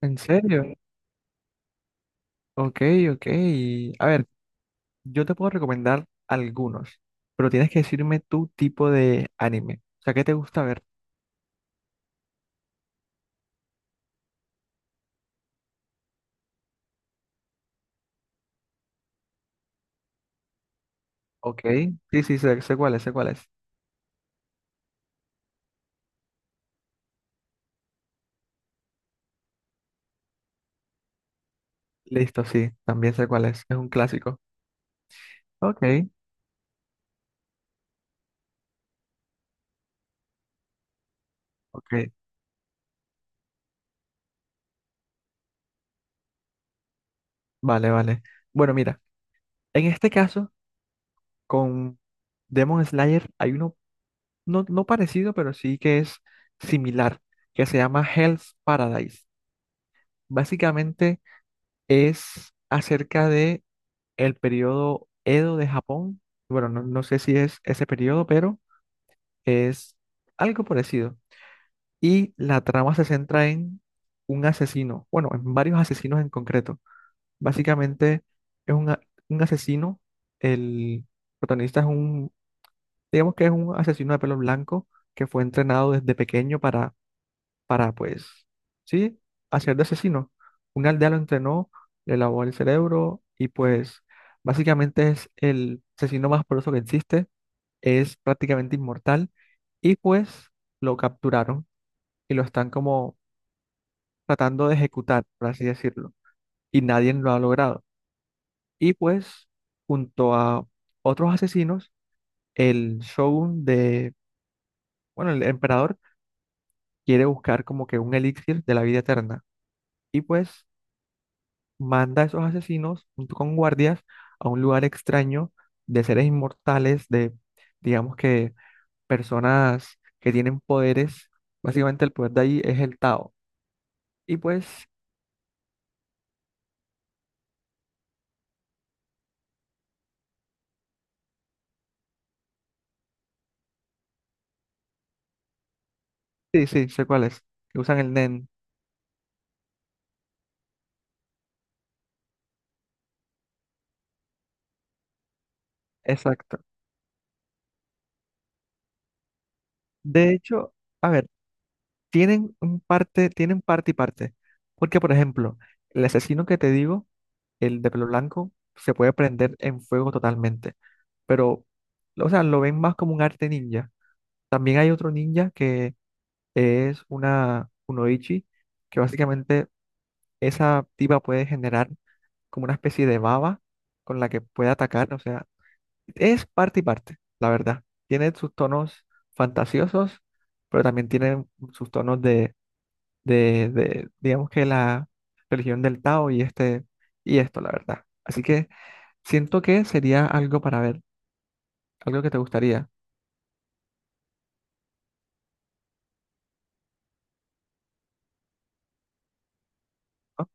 ¿En serio? Ok, ok. A ver, yo te puedo recomendar algunos, pero tienes que decirme tu tipo de anime. O sea, ¿qué te gusta ver? Ok. Sí, sí, sé cuál es, sé cuál es. Listo, sí, también sé cuál es. Es un clásico. Ok, ok. Vale, vale. Bueno, mira, en este caso, con Demon Slayer hay uno no parecido, pero sí que es similar, que se llama Hell's Paradise. Básicamente es acerca de el periodo Edo de Japón. Bueno, no sé si es ese periodo, pero es algo parecido. Y la trama se centra en un asesino, bueno, en varios asesinos en concreto. Básicamente es un asesino, el protagonista es un, digamos que es un asesino de pelo blanco que fue entrenado desde pequeño pues, sí, hacer de asesino. Un aldea lo entrenó, le lavó el cerebro y pues básicamente es el asesino más poderoso que existe, es prácticamente inmortal y pues lo capturaron y lo están como tratando de ejecutar, por así decirlo, y nadie lo ha logrado. Y pues junto a otros asesinos, el shogun de, bueno, el emperador quiere buscar como que un elixir de la vida eterna. Y pues manda a esos asesinos junto con guardias a un lugar extraño de seres inmortales, de, digamos que, personas que tienen poderes. Básicamente el poder de ahí es el Tao. Y pues, sí, sí, sé cuál es, que usan el Nen. Exacto. De hecho, a ver, tienen un parte, tienen parte y parte. Porque, por ejemplo, el asesino que te digo, el de pelo blanco, se puede prender en fuego totalmente. Pero, o sea, lo ven más como un arte ninja. También hay otro ninja que es una kunoichi, que básicamente esa tipa puede generar como una especie de baba con la que puede atacar, o sea, es parte y parte, la verdad. Tiene sus tonos fantasiosos, pero también tiene sus tonos de, digamos que la religión del Tao y este, y esto, la verdad. Así que siento que sería algo para ver, algo que te gustaría, ¿no?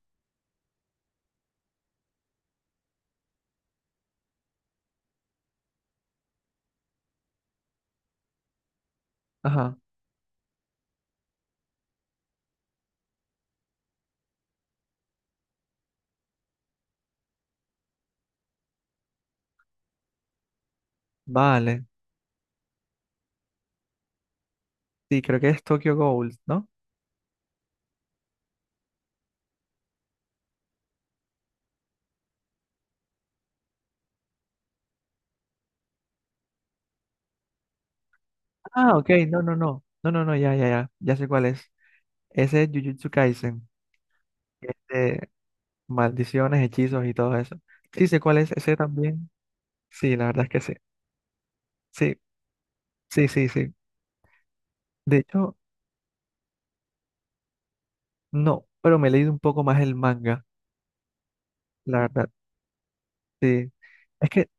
Ajá, vale. Sí, creo que es Tokyo Gold, ¿no? Ah, ok, no, no, no. No, no, no, ya, ya, ya. Ya sé cuál es. Ese es Jujutsu Kaisen. Este, maldiciones, hechizos y todo eso. Sí, sé cuál es. Ese también. Sí, la verdad es que sí. Sí, sí, sí, sí. De hecho, no, pero me he leído un poco más el manga, la verdad. Sí. Es que,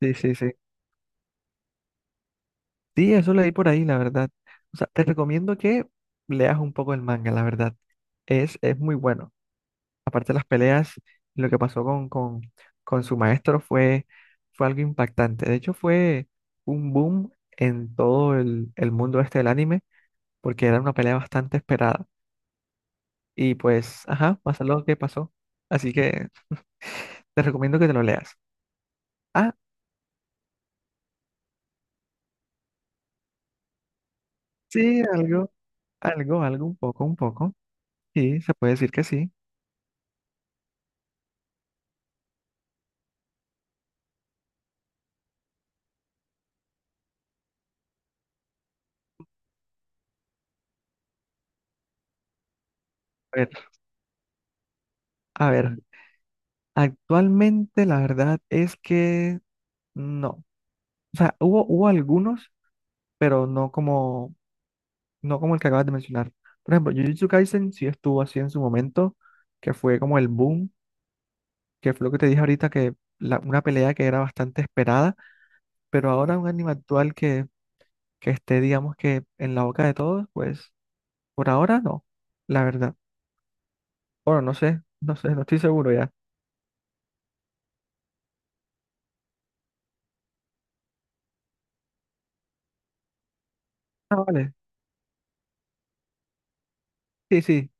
sí, sí, sí. Sí, eso leí por ahí, la verdad. O sea, te recomiendo que leas un poco el manga, la verdad. Es muy bueno. Aparte de las peleas, lo que pasó con su maestro fue algo impactante. De hecho, fue un boom en todo el mundo este del anime, porque era una pelea bastante esperada. Y pues, ajá, pasó lo que pasó. Así que te recomiendo que te lo leas. Ah, sí, algo, algo, algo, un poco, un poco. Sí, se puede decir que sí. A ver, a ver, actualmente la verdad es que no. O sea, hubo algunos, pero no como no como el que acabas de mencionar. Por ejemplo, Jujutsu Kaisen sí estuvo así en su momento, que fue como el boom, que fue lo que te dije ahorita, que una pelea que era bastante esperada, pero ahora un anime actual que esté, digamos que en la boca de todos, pues por ahora no, la verdad. Bueno, no sé, no estoy seguro ya. Ah, vale, sí, sí,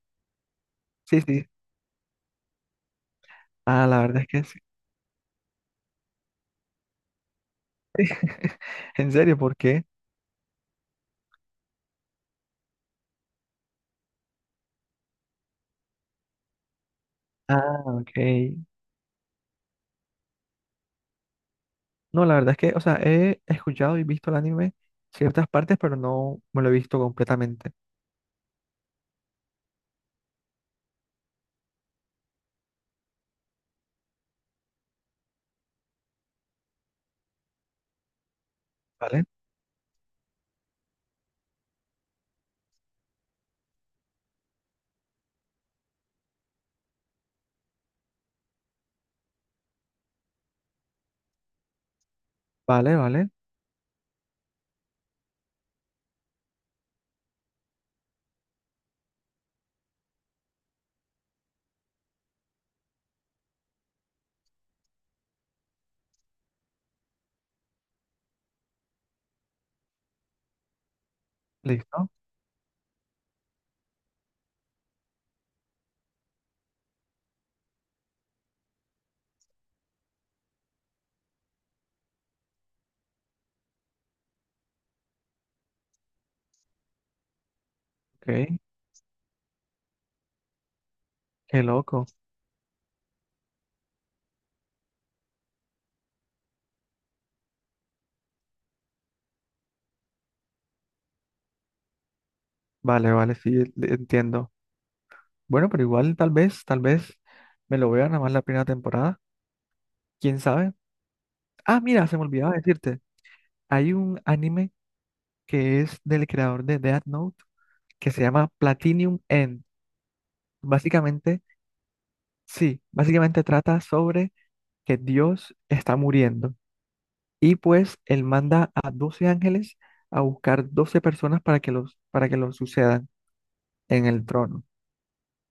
sí, sí. Ah, la verdad es que sí. En serio, ¿por qué? Ah, ok. No, la verdad es que, o sea, he escuchado y visto el anime ciertas partes, pero no me lo he visto completamente. ¿Vale? Vale, vale. Listo. Ok. Qué loco. Vale, vale, sí, entiendo. Bueno, pero igual tal vez me lo vea nada más la primera temporada. ¿Quién sabe? Ah, mira, se me olvidaba decirte. Hay un anime que es del creador de Death Note que se llama Platinum End. Básicamente, sí, básicamente trata sobre que Dios está muriendo. Y pues él manda a 12 ángeles a buscar 12 personas para que para que los sucedan en el trono.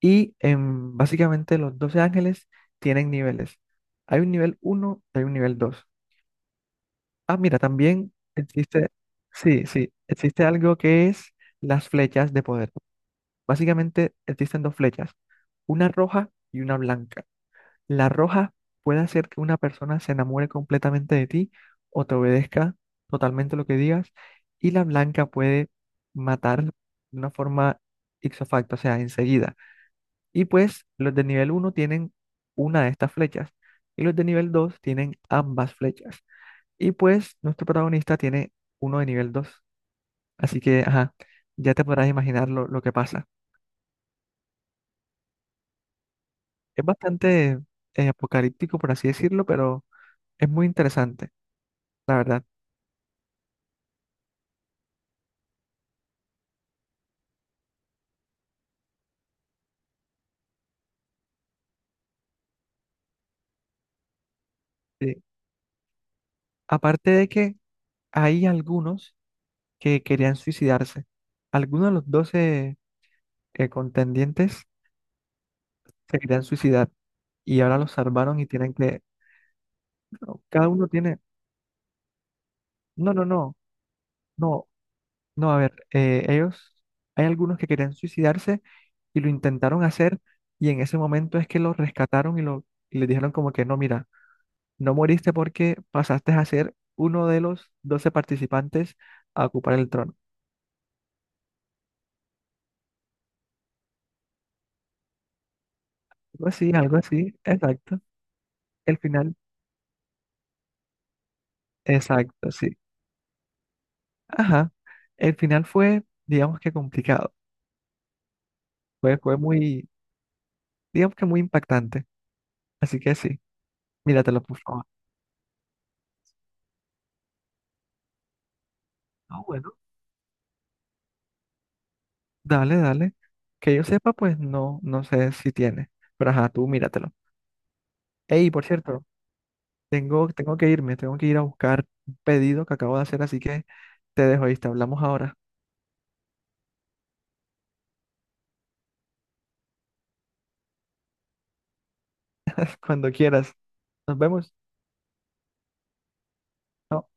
Y em, básicamente los 12 ángeles tienen niveles. Hay un nivel uno hay un nivel dos. Ah, mira, también existe, sí, sí, existe algo que es las flechas de poder. Básicamente existen dos flechas, una roja y una blanca. La roja puede hacer que una persona se enamore completamente de ti o te obedezca totalmente lo que digas. Y la blanca puede matar de una forma ipso facto, o sea, enseguida. Y pues los de nivel uno tienen una de estas flechas y los de nivel 2 tienen ambas flechas. Y pues nuestro protagonista tiene uno de nivel dos. Así que, ajá, ya te podrás imaginar lo que pasa. Es bastante apocalíptico, por así decirlo, pero es muy interesante, la verdad. Sí. Aparte de que hay algunos que querían suicidarse. Algunos de los 12 contendientes se querían suicidar y ahora los salvaron y tienen que... No, cada uno tiene... No, no, no, no, no, a ver, ellos... Hay algunos que querían suicidarse y lo intentaron hacer y en ese momento es que los rescataron y les dijeron como que no, mira, no moriste porque pasaste a ser uno de los 12 participantes a ocupar el trono. Algo así, exacto. El final exacto, sí. Ajá. El final fue, digamos que complicado. Fue, fue muy, digamos que muy impactante. Así que sí, míratelo, por favor. Ah, bueno. Dale, dale. Que yo sepa, pues no, no sé si tiene. Pero ajá, tú míratelo. Ey, por cierto, tengo que irme, tengo que ir a buscar un pedido que acabo de hacer, así que te dejo ahí, te hablamos ahora. Cuando quieras. Nos vemos. Chao.